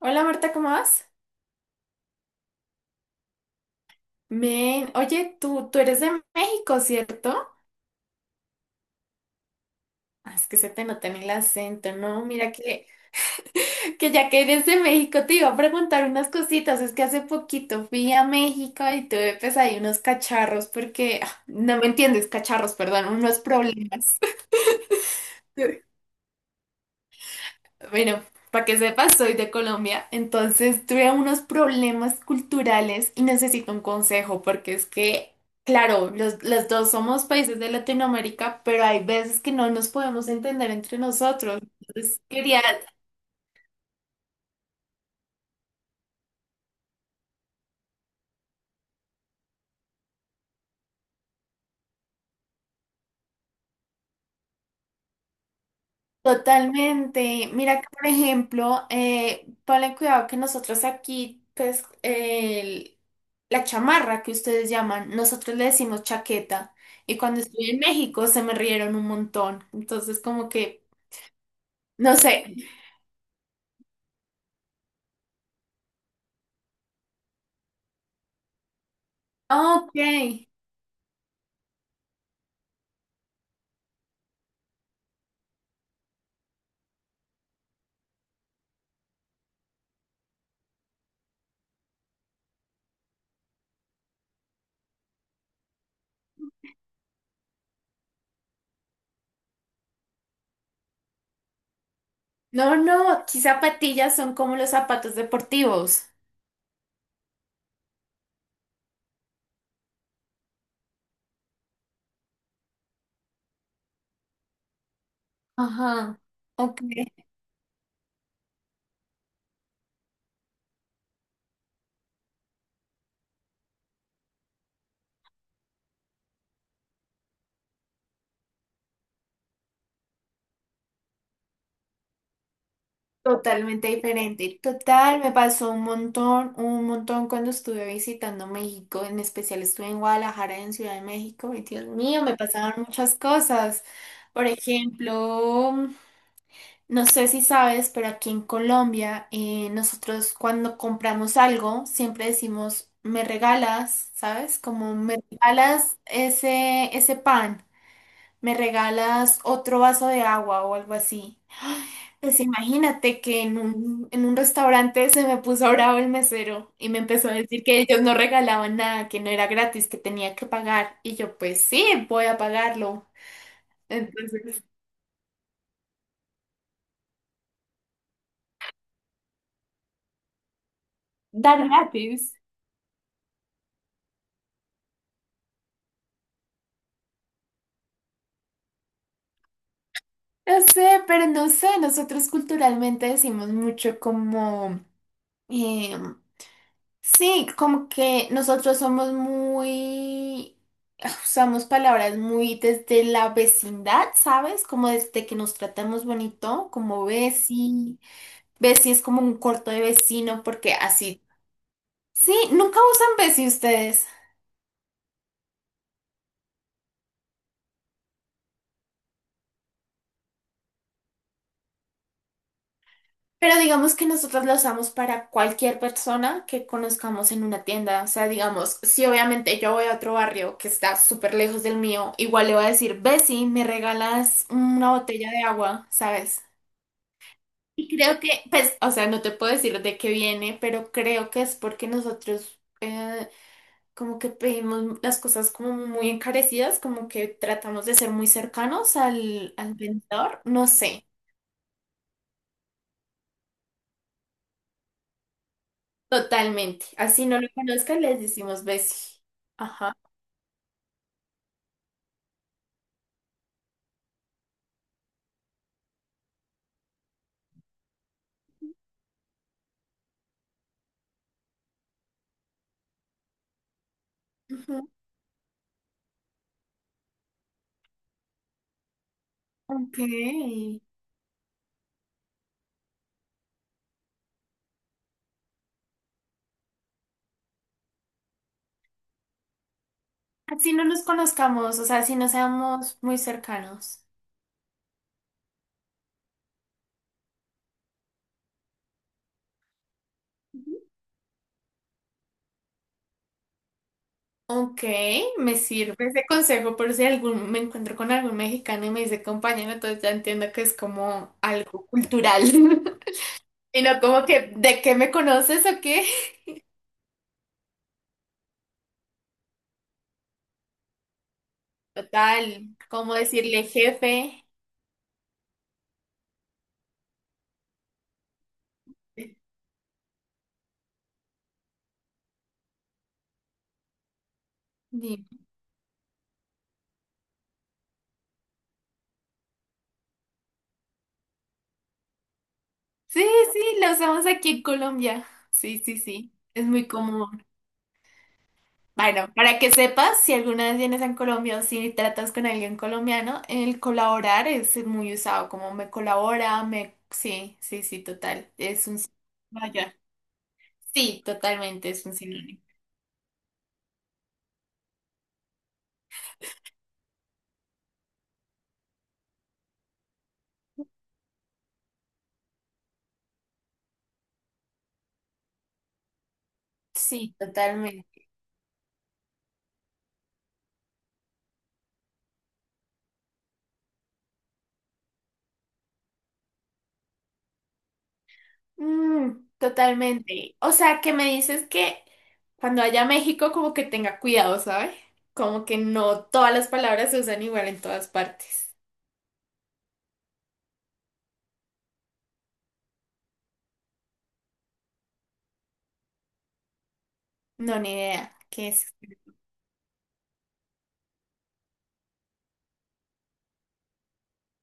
Hola Marta, ¿cómo vas? Men, oye, tú eres de México, ¿cierto? Es que se te nota en el acento, ¿no? Mira que ya que eres de México te iba a preguntar unas cositas. Es que hace poquito fui a México y tuve pues ahí unos cacharros porque, no me entiendes, cacharros, perdón, unos problemas. Bueno, para que sepas, soy de Colombia, entonces tuve unos problemas culturales y necesito un consejo, porque es que, claro, los dos somos países de Latinoamérica, pero hay veces que no nos podemos entender entre nosotros. Entonces, quería totalmente, mira que, por ejemplo, ponle cuidado que nosotros aquí, pues, la chamarra que ustedes llaman, nosotros le decimos chaqueta. Y cuando estuve en México se me rieron un montón. Entonces, como que no sé. Ok. No, no, aquí zapatillas son como los zapatos deportivos. Ajá, ok. Totalmente diferente. Total, me pasó un montón cuando estuve visitando México. En especial estuve en Guadalajara, en Ciudad de México. Y Dios mío, me pasaban muchas cosas. Por ejemplo. No sé si sabes, pero aquí en Colombia nosotros cuando compramos algo siempre decimos, me regalas, ¿sabes? Como me regalas ese pan, me regalas otro vaso de agua o algo así. Pues imagínate que en en un restaurante se me puso bravo el mesero y me empezó a decir que ellos no regalaban nada, que no era gratis, que tenía que pagar. Y yo, pues sí, voy a pagarlo. Entonces, dar gratis. No sé, pero no sé, nosotros culturalmente decimos mucho como, eh, sí, como que nosotros somos muy, usamos palabras muy desde la vecindad, ¿sabes? Como desde que nos tratamos bonito, como veci, veci es como un corto de vecino, porque así, sí, nunca usan veci ustedes. Pero digamos que nosotros la usamos para cualquier persona que conozcamos en una tienda. O sea, digamos, si obviamente yo voy a otro barrio que está súper lejos del mío, igual le voy a decir, Bessie, ¿me regalas una botella de agua? ¿Sabes? Y creo que, pues, o sea, no te puedo decir de qué viene, pero creo que es porque nosotros como que pedimos las cosas como muy encarecidas, como que tratamos de ser muy cercanos al, al vendedor. No sé. Totalmente. Así no lo conozcan les decimos Bessie. Ajá. Ujú, ok. Así no nos conozcamos, o sea, así no seamos muy cercanos. Ok, me sirve ese consejo por si algún, me encuentro con algún mexicano y me dice compañero, entonces ya entiendo que es como algo cultural. Y no como que, ¿de qué me conoces o qué? Total, ¿como decirle jefe? Dime. Sí, sí, lo usamos aquí en Colombia. Sí, sí, sí. Es muy común. Bueno, para que sepas, si alguna vez vienes a Colombia o si tratas con alguien colombiano, el colaborar es muy usado, como me colabora, me... Sí, sí, sí, total. Es un... Vaya. Sí, totalmente, es un sinónimo. Sí, totalmente. Mm, totalmente. O sea, que me dices que cuando vaya a México como que tenga cuidado, ¿sabes? Como que no todas las palabras se usan igual en todas partes. No, ni idea. ¿Qué es?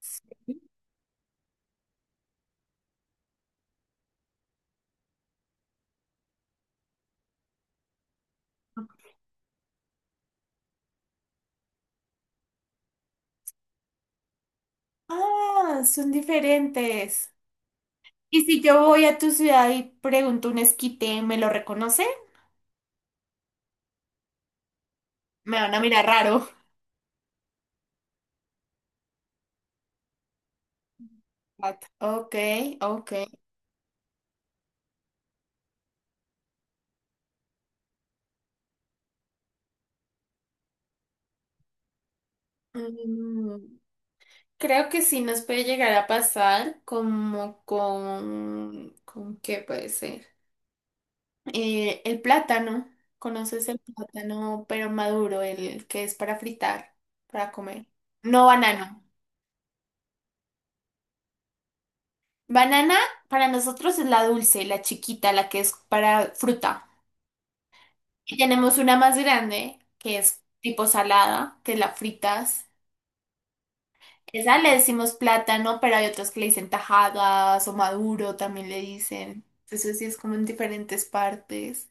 Sí. Ah, son diferentes. Y si yo voy a tu ciudad y pregunto un esquite, ¿me lo reconoce? Me van a mirar raro. What? Ok, ok. Mm, creo que sí nos puede llegar a pasar como con... ¿Con qué puede ser? El plátano. ¿Conoces el plátano, pero maduro, el que es para fritar, para comer? No banano. Banana para nosotros es la dulce, la chiquita, la que es para fruta. Y tenemos una más grande, que es tipo salada, que la fritas. Esa le decimos plátano, pero hay otros que le dicen tajadas o maduro, también le dicen. Entonces sí es como en diferentes partes.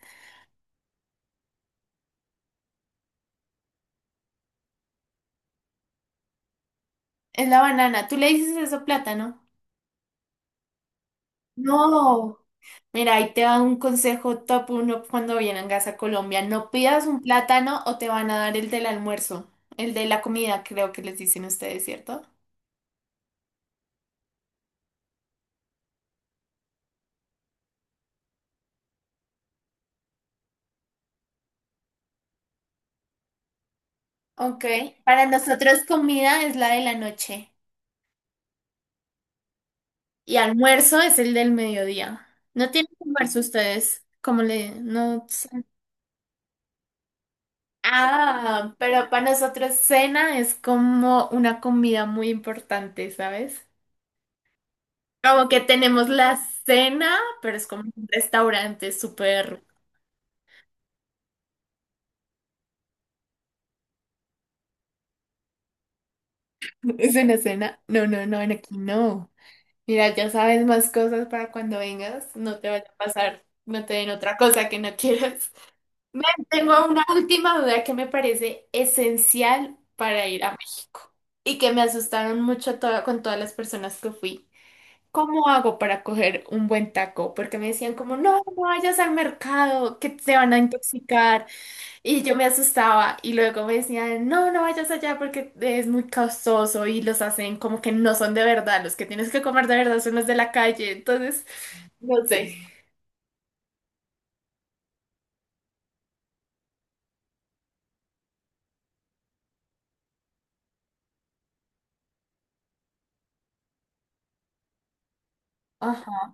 Es la banana. ¿Tú le dices eso plátano? No. Mira, ahí te va un consejo top uno cuando vengas a Colombia. No pidas un plátano o te van a dar el del almuerzo, el de la comida, creo que les dicen ustedes, ¿cierto? Ok. Para nosotros comida es la de la noche. Y almuerzo es el del mediodía. ¿No tienen almuerzo ustedes? Como le... No... Ah, pero para nosotros cena es como una comida muy importante, ¿sabes? Como que tenemos la cena, pero es como un restaurante súper... ¿Es una cena? No, no, no, en aquí no. Mira, ya sabes más cosas para cuando vengas. No te vaya a pasar, no te den otra cosa que no quieras. Me tengo una última duda que me parece esencial para ir a México y que me asustaron mucho toda- con todas las personas que fui. ¿Cómo hago para coger un buen taco? Porque me decían como, no, no vayas al mercado, que te van a intoxicar. Y yo me asustaba y luego me decían, no, no vayas allá porque es muy costoso y los hacen como que no son de verdad. Los que tienes que comer de verdad son los de la calle. Entonces, no sé. Ajá.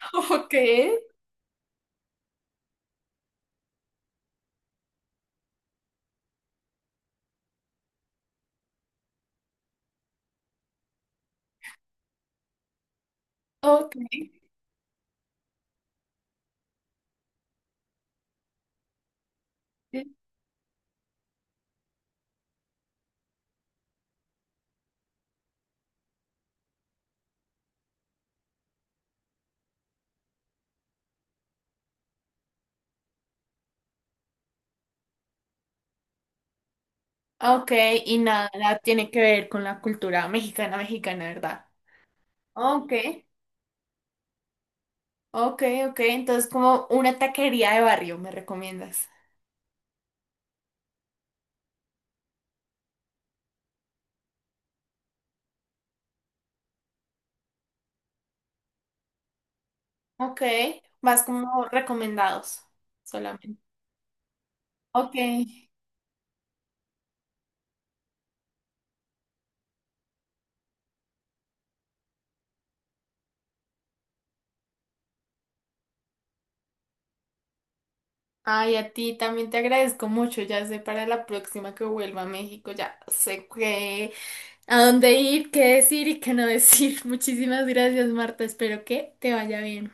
Ok, ok. Ok, y nada, tiene que ver con la cultura mexicana, mexicana, ¿verdad? Ok, ok, ok, entonces como una taquería de barrio, ¿me recomiendas? Ok, vas como recomendados solamente. Ok. Ay, a ti también te agradezco mucho, ya sé para la próxima que vuelva a México, ya sé qué, a dónde ir, qué decir y qué no decir. Muchísimas gracias, Marta, espero que te vaya bien.